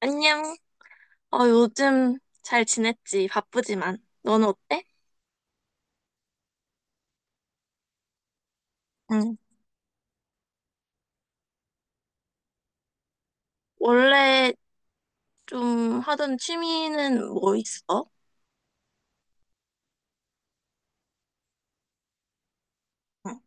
안녕. 요즘 잘 지냈지? 바쁘지만. 너는 어때? 응. 원래 좀 하던 취미는 뭐 있어? 응.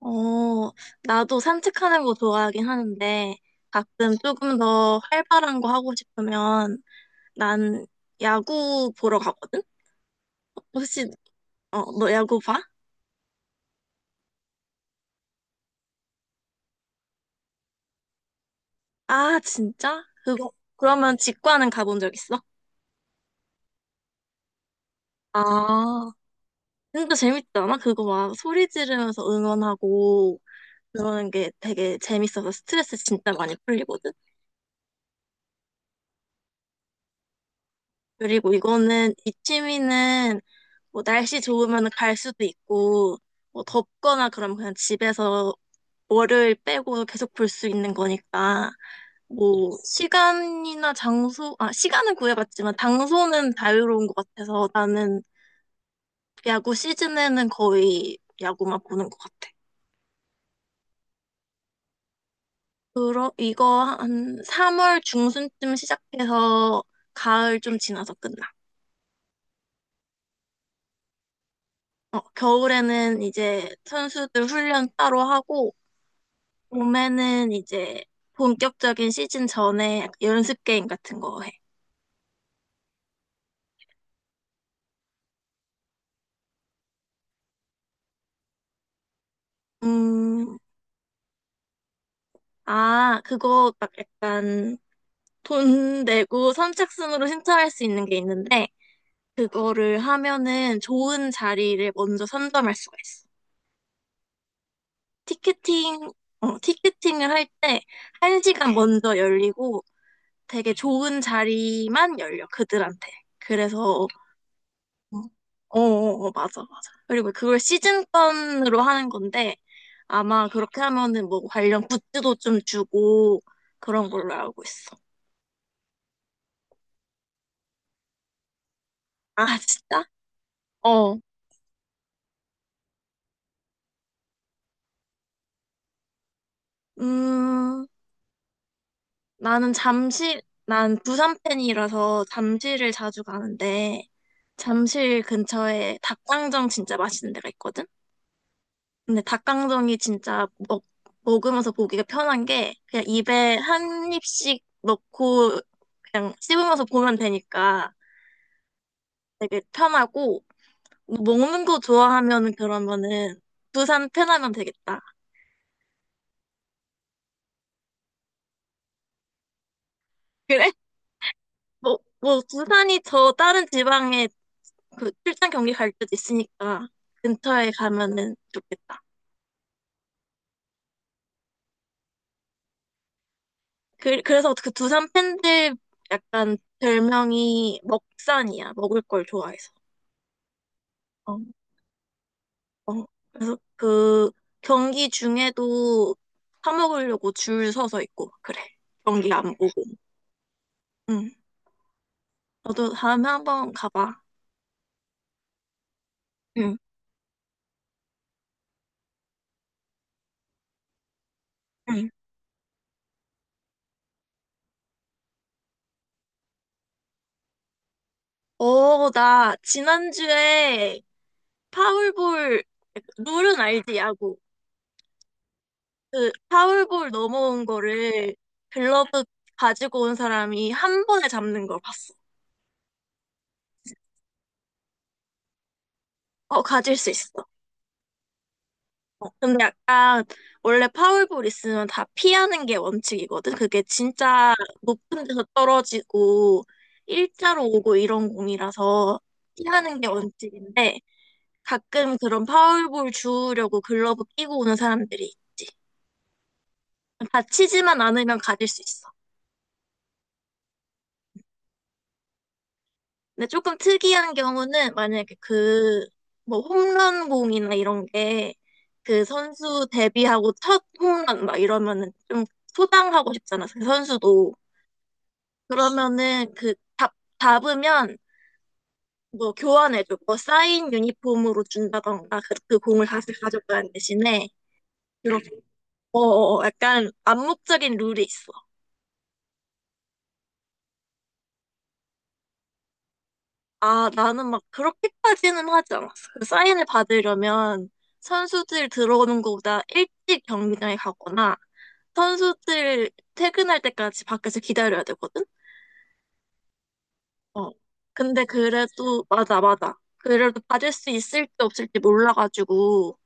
어, 나도 산책하는 거 좋아하긴 하는데, 가끔 조금 더 활발한 거 하고 싶으면, 난 야구 보러 가거든? 혹시, 너 야구 봐? 아, 진짜? 그러면 직관은 가본 적 있어? 아, 진짜 재밌지 않아? 그거 막 소리 지르면서 응원하고, 그러는 게 되게 재밌어서 스트레스 진짜 많이 풀리거든. 그리고 이거는 이 취미는 뭐 날씨 좋으면 갈 수도 있고 뭐 덥거나 그럼 그냥 집에서 월요일 빼고 계속 볼 수 있는 거니까 뭐 시간이나 장소 아 시간은 구해봤지만 장소는 자유로운 것 같아서 나는 야구 시즌에는 거의 야구만 보는 것 같아. 그러 이거 한 3월 중순쯤 시작해서 가을 좀 지나서 끝나. 어, 겨울에는 이제 선수들 훈련 따로 하고, 봄에는 이제 본격적인 시즌 전에 연습 게임 같은 거 해. 음, 아, 그거 막 약간 돈 내고 선착순으로 신청할 수 있는 게 있는데, 그거를 하면은 좋은 자리를 먼저 선점할 수가 있어. 티켓팅, 티켓팅을 할 때 한시간 먼저 열리고 되게 좋은 자리만 열려, 그들한테. 그래서 어, 맞아, 맞아. 그리고 그걸 시즌권으로 하는 건데, 아마 그렇게 하면은 뭐 관련 굿즈도 좀 주고, 그런 걸로 알고 있어. 아, 진짜? 어. 음, 나는 잠실, 난 부산 팬이라서 잠실을 자주 가는데, 잠실 근처에 닭강정 진짜 맛있는 데가 있거든? 근데 닭강정이 진짜 먹, 먹으면서 보기가 편한 게 그냥 입에 한 입씩 넣고 그냥 씹으면서 보면 되니까 되게 편하고 뭐 먹는 거 좋아하면은 그러면은 부산 편하면 되겠다. 그래? 뭐 부산이 저 다른 지방에 그 출장 경기 갈 때도 있으니까 근처에 가면은 좋겠다. 그래서 그 두산 팬들 약간 별명이 먹산이야. 먹을 걸 좋아해서. 어. 어, 그래서 그 경기 중에도 사 먹으려고 줄 서서 있고 그래. 경기 안 보고. 응. 너도 다음에 한번 가봐. 응. 응. 어, 나 지난주에 파울볼 룰은 알지 야구. 그 파울볼 넘어온 거를 글러브 가지고 온 사람이 한 번에 잡는 걸 봤어. 어, 가질 수 있어. 근데 약간 원래 파울볼 있으면 다 피하는 게 원칙이거든. 그게 진짜 높은 데서 떨어지고 일자로 오고 이런 공이라서 피하는 게 원칙인데 가끔 그런 파울볼 주우려고 글러브 끼고 오는 사람들이 있지. 다치지만 않으면 가질 수 있어. 근데 조금 특이한 경우는 만약에 그 뭐 홈런 공이나 이런 게 그 선수 데뷔하고 첫 홈런 막 이러면은 좀 소장하고 싶잖아. 그 선수도. 그러면은 답으면 뭐 교환해줘. 뭐 사인 유니폼으로 준다던가 그 공을 다시 가져가는 대신에 이렇게 약간 암묵적인 룰이 있어. 아, 나는 막 그렇게까지는 하지 않았어. 그 사인을 받으려면 선수들 들어오는 것보다 일찍 경기장에 가거나 선수들 퇴근할 때까지 밖에서 기다려야 되거든? 어. 근데 그래도 맞아, 맞아. 그래도 받을 수 있을지 없을지 몰라가지고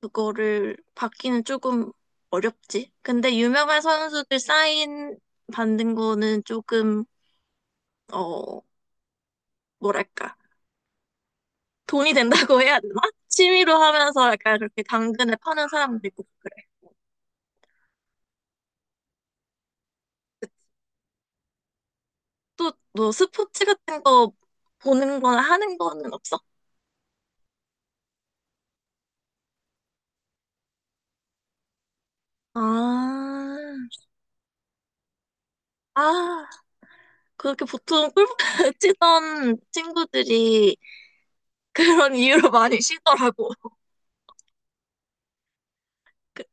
그거를 받기는 조금 어렵지. 근데 유명한 선수들 사인 받는 거는 조금, 어, 뭐랄까. 돈이 된다고 해야 되나? 취미로 하면서 약간 그렇게 당근에 파는 사람도 있고 그래. 또, 너 스포츠 같은 거 보는 거나 하는 거는 없어? 아, 아, 그렇게 보통 골프 치던 친구들이 그런 이유로 많이 쉬더라고. 그-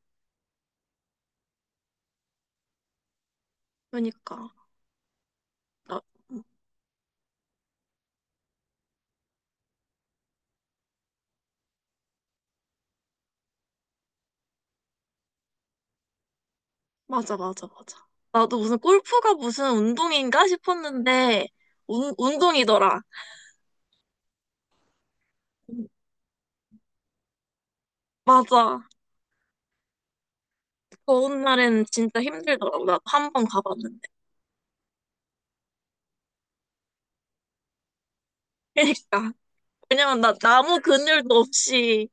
그러니까. 나- 음. 맞아, 맞아, 맞아. 나도 무슨 골프가 무슨 운동인가 싶었는데, 운동이더라. 맞아. 더운 날엔 진짜 힘들더라고. 나도 한 번 가봤는데. 그러니까. 왜냐면 나 아무 근육도 없이.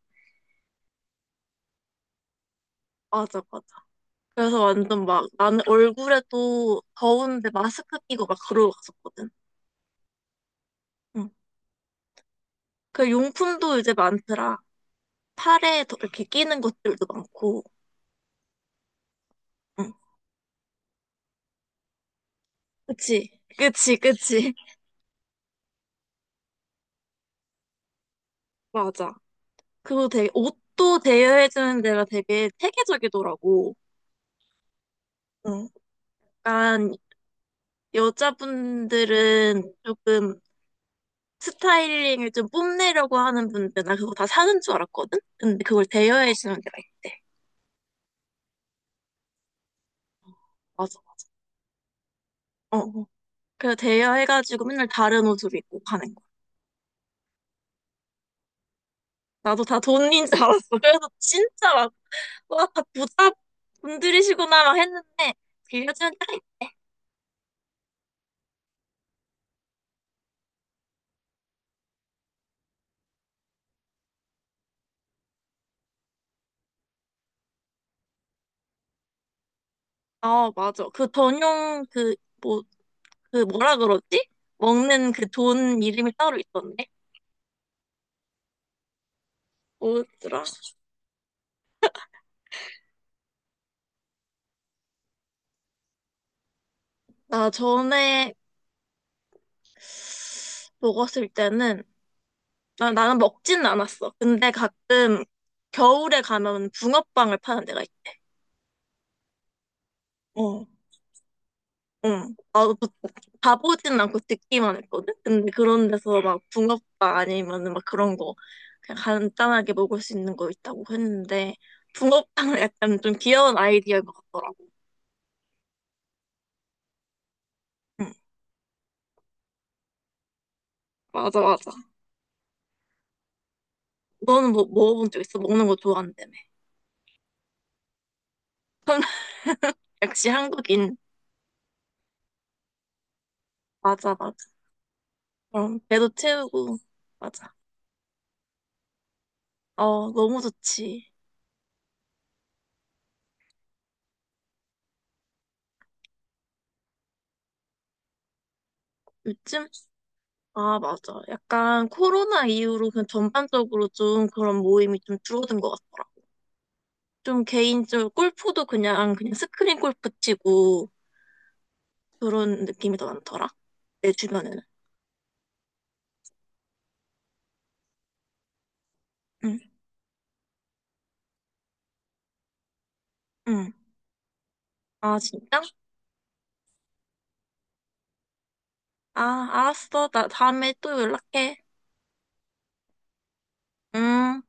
맞아, 맞아. 그래서 완전 막 나는 얼굴에도 더운데 마스크 끼고 막 그러고 갔었거든. 응. 그 용품도 이제 많더라. 팔에 더 이렇게 끼는 것들도 많고. 응. 그치? 그치, 그치. 맞아. 그거 되게 옷도 대여해주는 데가 되게 체계적이더라고. 응, 약간 여자분들은 조금 스타일링을 좀 뽐내려고 하는 분들, 나 그거 다 사는 줄 알았거든? 근데 그걸 대여해주는 데가 있대. 맞아. 어, 어. 그래서 대여해가지고 맨날 다른 옷을 입고 가는 거야. 나도 다 돈인 줄 알았어. 와, 다 부자 분들이시구나 막 했는데, 빌려주는 데가 있- 아, 맞아. 뭐, 그 뭐라 그러지? 먹는 그 돈 이름이 따로 있던데? 뭐더라? 나 전에 먹었을 때는 나는 먹지는 않았어. 근데 가끔 겨울에 가면 붕어빵을 파는 데가 있대. 어. 응. 나도 그- 가보진 않고 듣기만 했거든? 근데 그런 데서 막 붕어빵 아니면은 막 그런 거 그냥 간단하게 먹을 수 있는 거 있다고 했는데 붕어빵은 약간 좀 귀여운 아이디어인 것 같더라고. 응. 맞아, 맞아. 너는 뭐 먹어본 적 있어? 먹는 거 좋아한다며. 역시 한국인. 맞아, 맞아. 그럼 배도 채우고. 맞아. 어, 너무 좋지. 요즘? 아, 맞아. 약간 코로나 이후로 그냥 전반적으로 좀 그런 모임이 좀 줄어든 것 같더라. 좀 개인적으로 골프도 그냥, 그냥 스크린 골프 치고 그런 느낌이 더 많더라. 내 주변에는. 응, 응. 아, 진짜? 아, 알았어. 나 다음에 또 연락해. 음.